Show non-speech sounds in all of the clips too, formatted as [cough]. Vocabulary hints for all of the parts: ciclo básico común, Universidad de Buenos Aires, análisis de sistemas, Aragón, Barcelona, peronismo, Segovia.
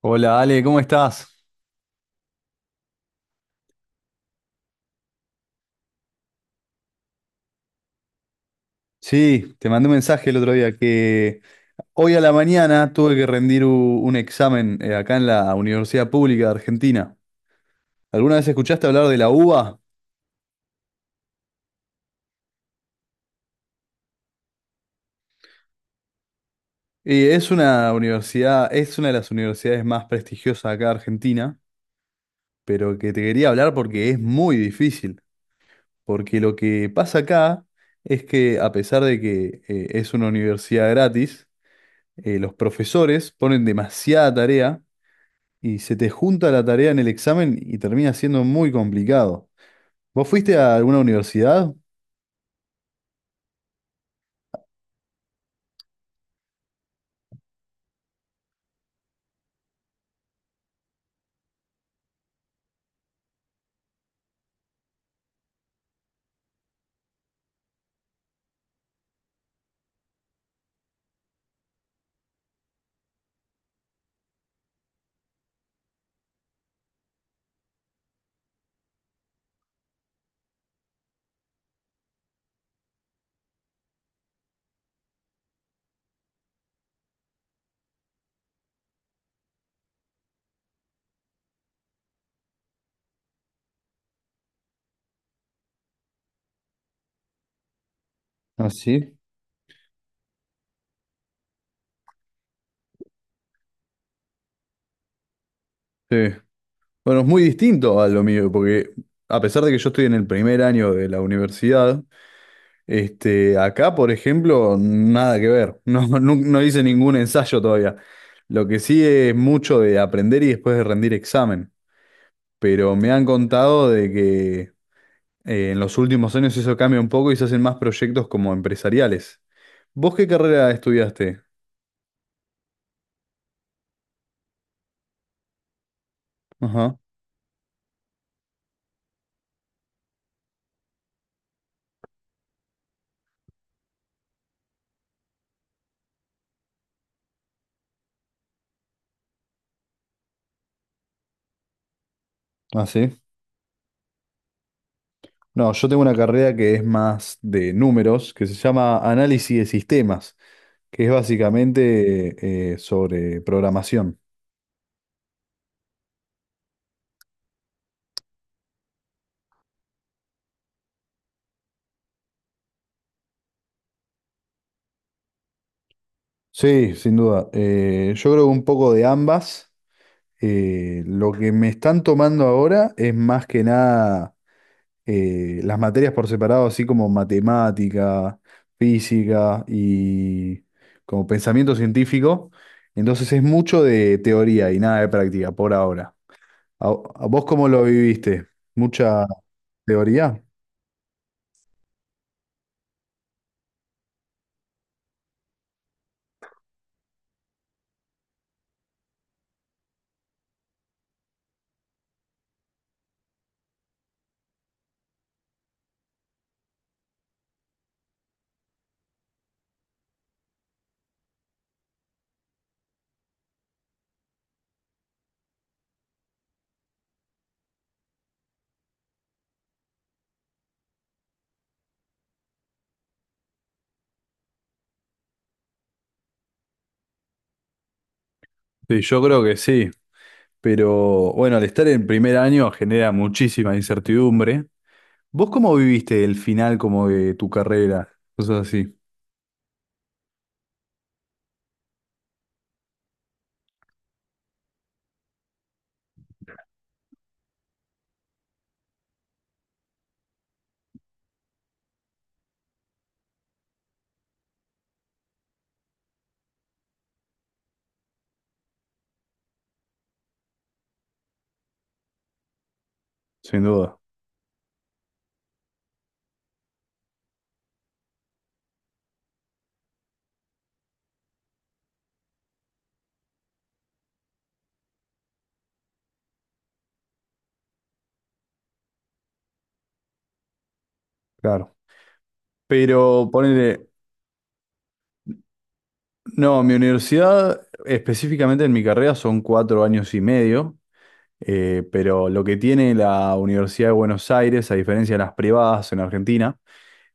Hola Ale, ¿cómo estás? Sí, te mandé un mensaje el otro día que hoy a la mañana tuve que rendir un examen, acá en la Universidad Pública de Argentina. ¿Alguna vez escuchaste hablar de la UBA? Y es una universidad, es una de las universidades más prestigiosas acá de Argentina, pero que te quería hablar porque es muy difícil. Porque lo que pasa acá es que a pesar de que es una universidad gratis, los profesores ponen demasiada tarea y se te junta la tarea en el examen y termina siendo muy complicado. ¿Vos fuiste a alguna universidad? Ah, sí. Sí. Bueno, es muy distinto a lo mío, porque a pesar de que yo estoy en el primer año de la universidad, este, acá, por ejemplo, nada que ver. [laughs] No, no, no hice ningún ensayo todavía. Lo que sí es mucho de aprender y después de rendir examen. Pero me han contado de que en los últimos años eso cambia un poco y se hacen más proyectos como empresariales. ¿Vos qué carrera estudiaste? Ajá. Ah, sí. No, yo tengo una carrera que es más de números, que se llama análisis de sistemas, que es básicamente, sobre programación. Sí, sin duda. Yo creo que un poco de ambas. Lo que me están tomando ahora es más que nada, las materias por separado, así como matemática, física y como pensamiento científico. Entonces es mucho de teoría y nada de práctica por ahora. A vos cómo lo viviste? ¿Mucha teoría? Sí, yo creo que sí, pero bueno, al estar en primer año genera muchísima incertidumbre. ¿Vos cómo viviste el final como de tu carrera? Cosas así, sin duda. Claro. Pero ponele, no, mi universidad, específicamente en mi carrera, son 4 años y medio, pero lo que tiene la Universidad de Buenos Aires, a diferencia de las privadas en Argentina,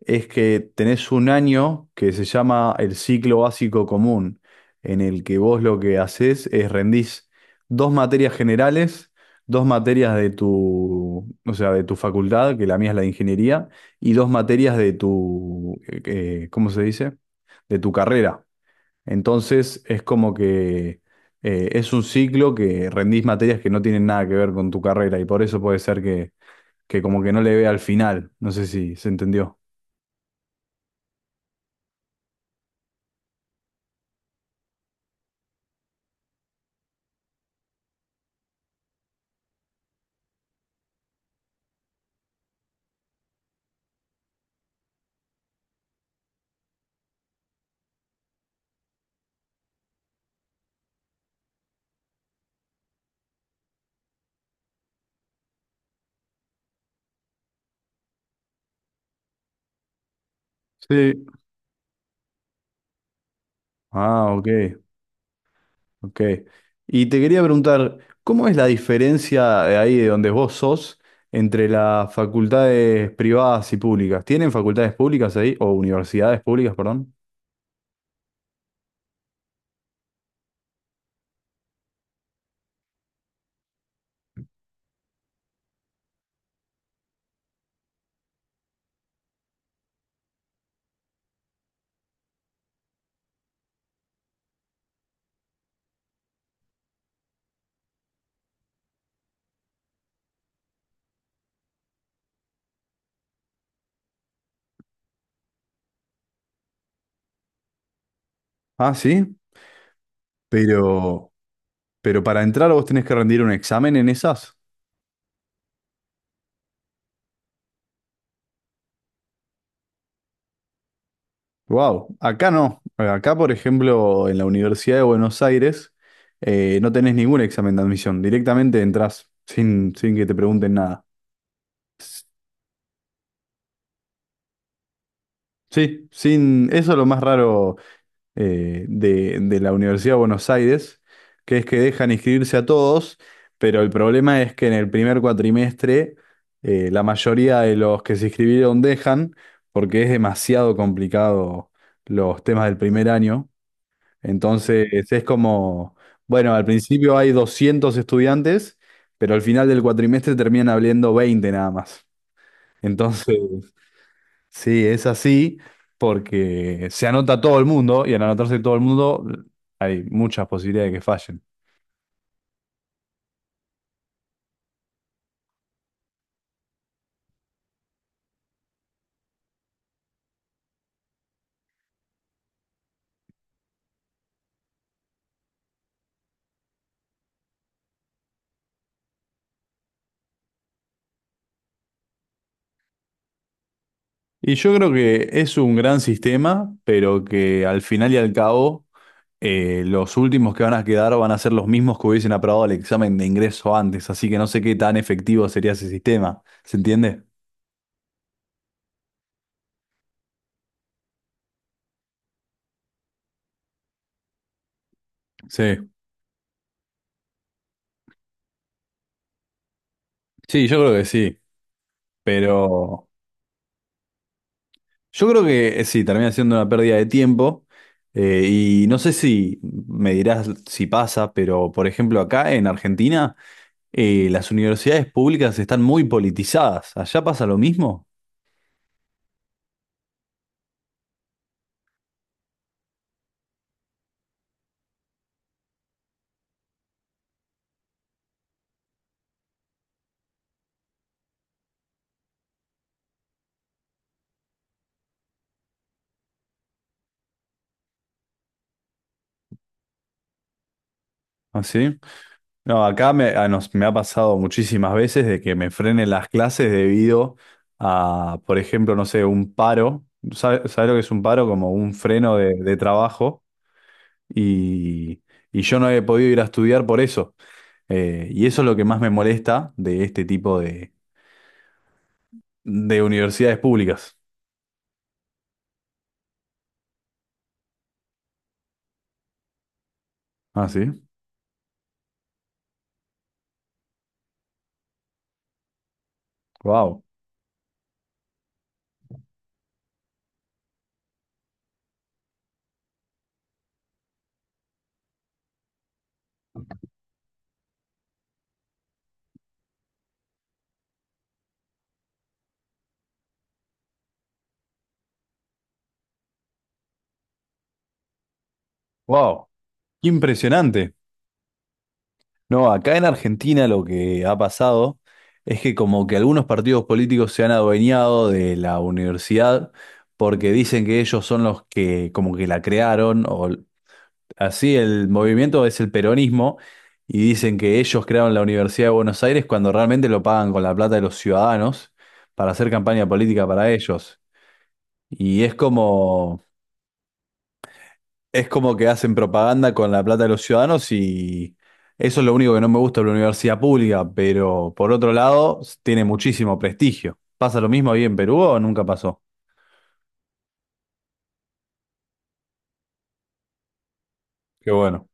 es que tenés un año que se llama el ciclo básico común, en el que vos lo que haces es rendís dos materias generales, dos materias de tu, o sea, de tu facultad, que la mía es la de ingeniería, y dos materias de tu, ¿cómo se dice? De tu carrera. Entonces es como que, es un ciclo que rendís materias que no tienen nada que ver con tu carrera y por eso puede ser que como que no le vea al final. No sé si se entendió. Sí, ah, ok, ok. Y te quería preguntar, ¿cómo es la diferencia de ahí de donde vos sos entre las facultades privadas y públicas? ¿Tienen facultades públicas ahí o universidades públicas, perdón? Ah, sí, pero, pero para entrar vos tenés que rendir un examen en esas. Wow, acá no. Acá, por ejemplo, en la Universidad de Buenos Aires, no tenés ningún examen de admisión. Directamente entrás sin, sin que te pregunten nada. S- Sí, sin, eso es lo más raro, de la Universidad de Buenos Aires, que es que dejan inscribirse a todos, pero el problema es que en el primer cuatrimestre, la mayoría de los que se inscribieron dejan, porque es demasiado complicado los temas del primer año. Entonces es como, bueno, al principio hay 200 estudiantes, pero al final del cuatrimestre terminan habiendo 20 nada más. Entonces... Sí, es así porque se anota todo el mundo y al anotarse todo el mundo hay muchas posibilidades de que fallen. Y yo creo que es un gran sistema, pero que al final y al cabo, los últimos que van a quedar van a ser los mismos que hubiesen aprobado el examen de ingreso antes, así que no sé qué tan efectivo sería ese sistema, ¿se entiende? Sí, sí, yo creo que sí, pero... Yo creo que, sí, termina siendo una pérdida de tiempo. Y no sé si me dirás si pasa, pero por ejemplo acá en Argentina, las universidades públicas están muy politizadas. ¿Allá pasa lo mismo? ¿Así? No, acá me, me ha pasado muchísimas veces de que me frenen las clases debido a, por ejemplo, no sé, un paro. ¿Sabes lo que es un paro? Como un freno de trabajo. Y, y yo no he podido ir a estudiar por eso. Y eso es lo que más me molesta de este tipo de universidades públicas. Ah, sí. Wow. Wow. Impresionante. No, acá en Argentina lo que ha pasado es que como que algunos partidos políticos se han adueñado de la universidad porque dicen que ellos son los que como que la crearon así el movimiento es el peronismo y dicen que ellos crearon la Universidad de Buenos Aires cuando realmente lo pagan con la plata de los ciudadanos para hacer campaña política para ellos. Y es como que hacen propaganda con la plata de los ciudadanos y eso es lo único que no me gusta de la universidad pública, pero por otro lado, tiene muchísimo prestigio. ¿Pasa lo mismo ahí en Perú o nunca pasó? Qué bueno.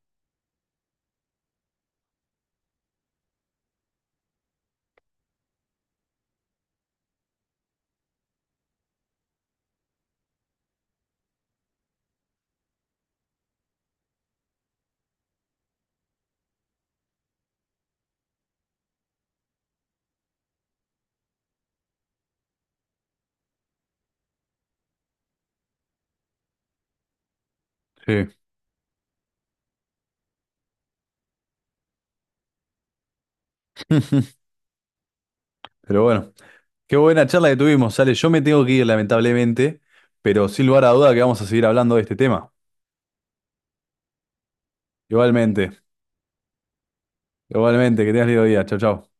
Sí, pero bueno. Qué buena charla que tuvimos, Sale. Yo me tengo que ir, lamentablemente, pero sin lugar a duda que vamos a seguir hablando de este tema. Igualmente, igualmente, que tengas lindo día. Chau, chau.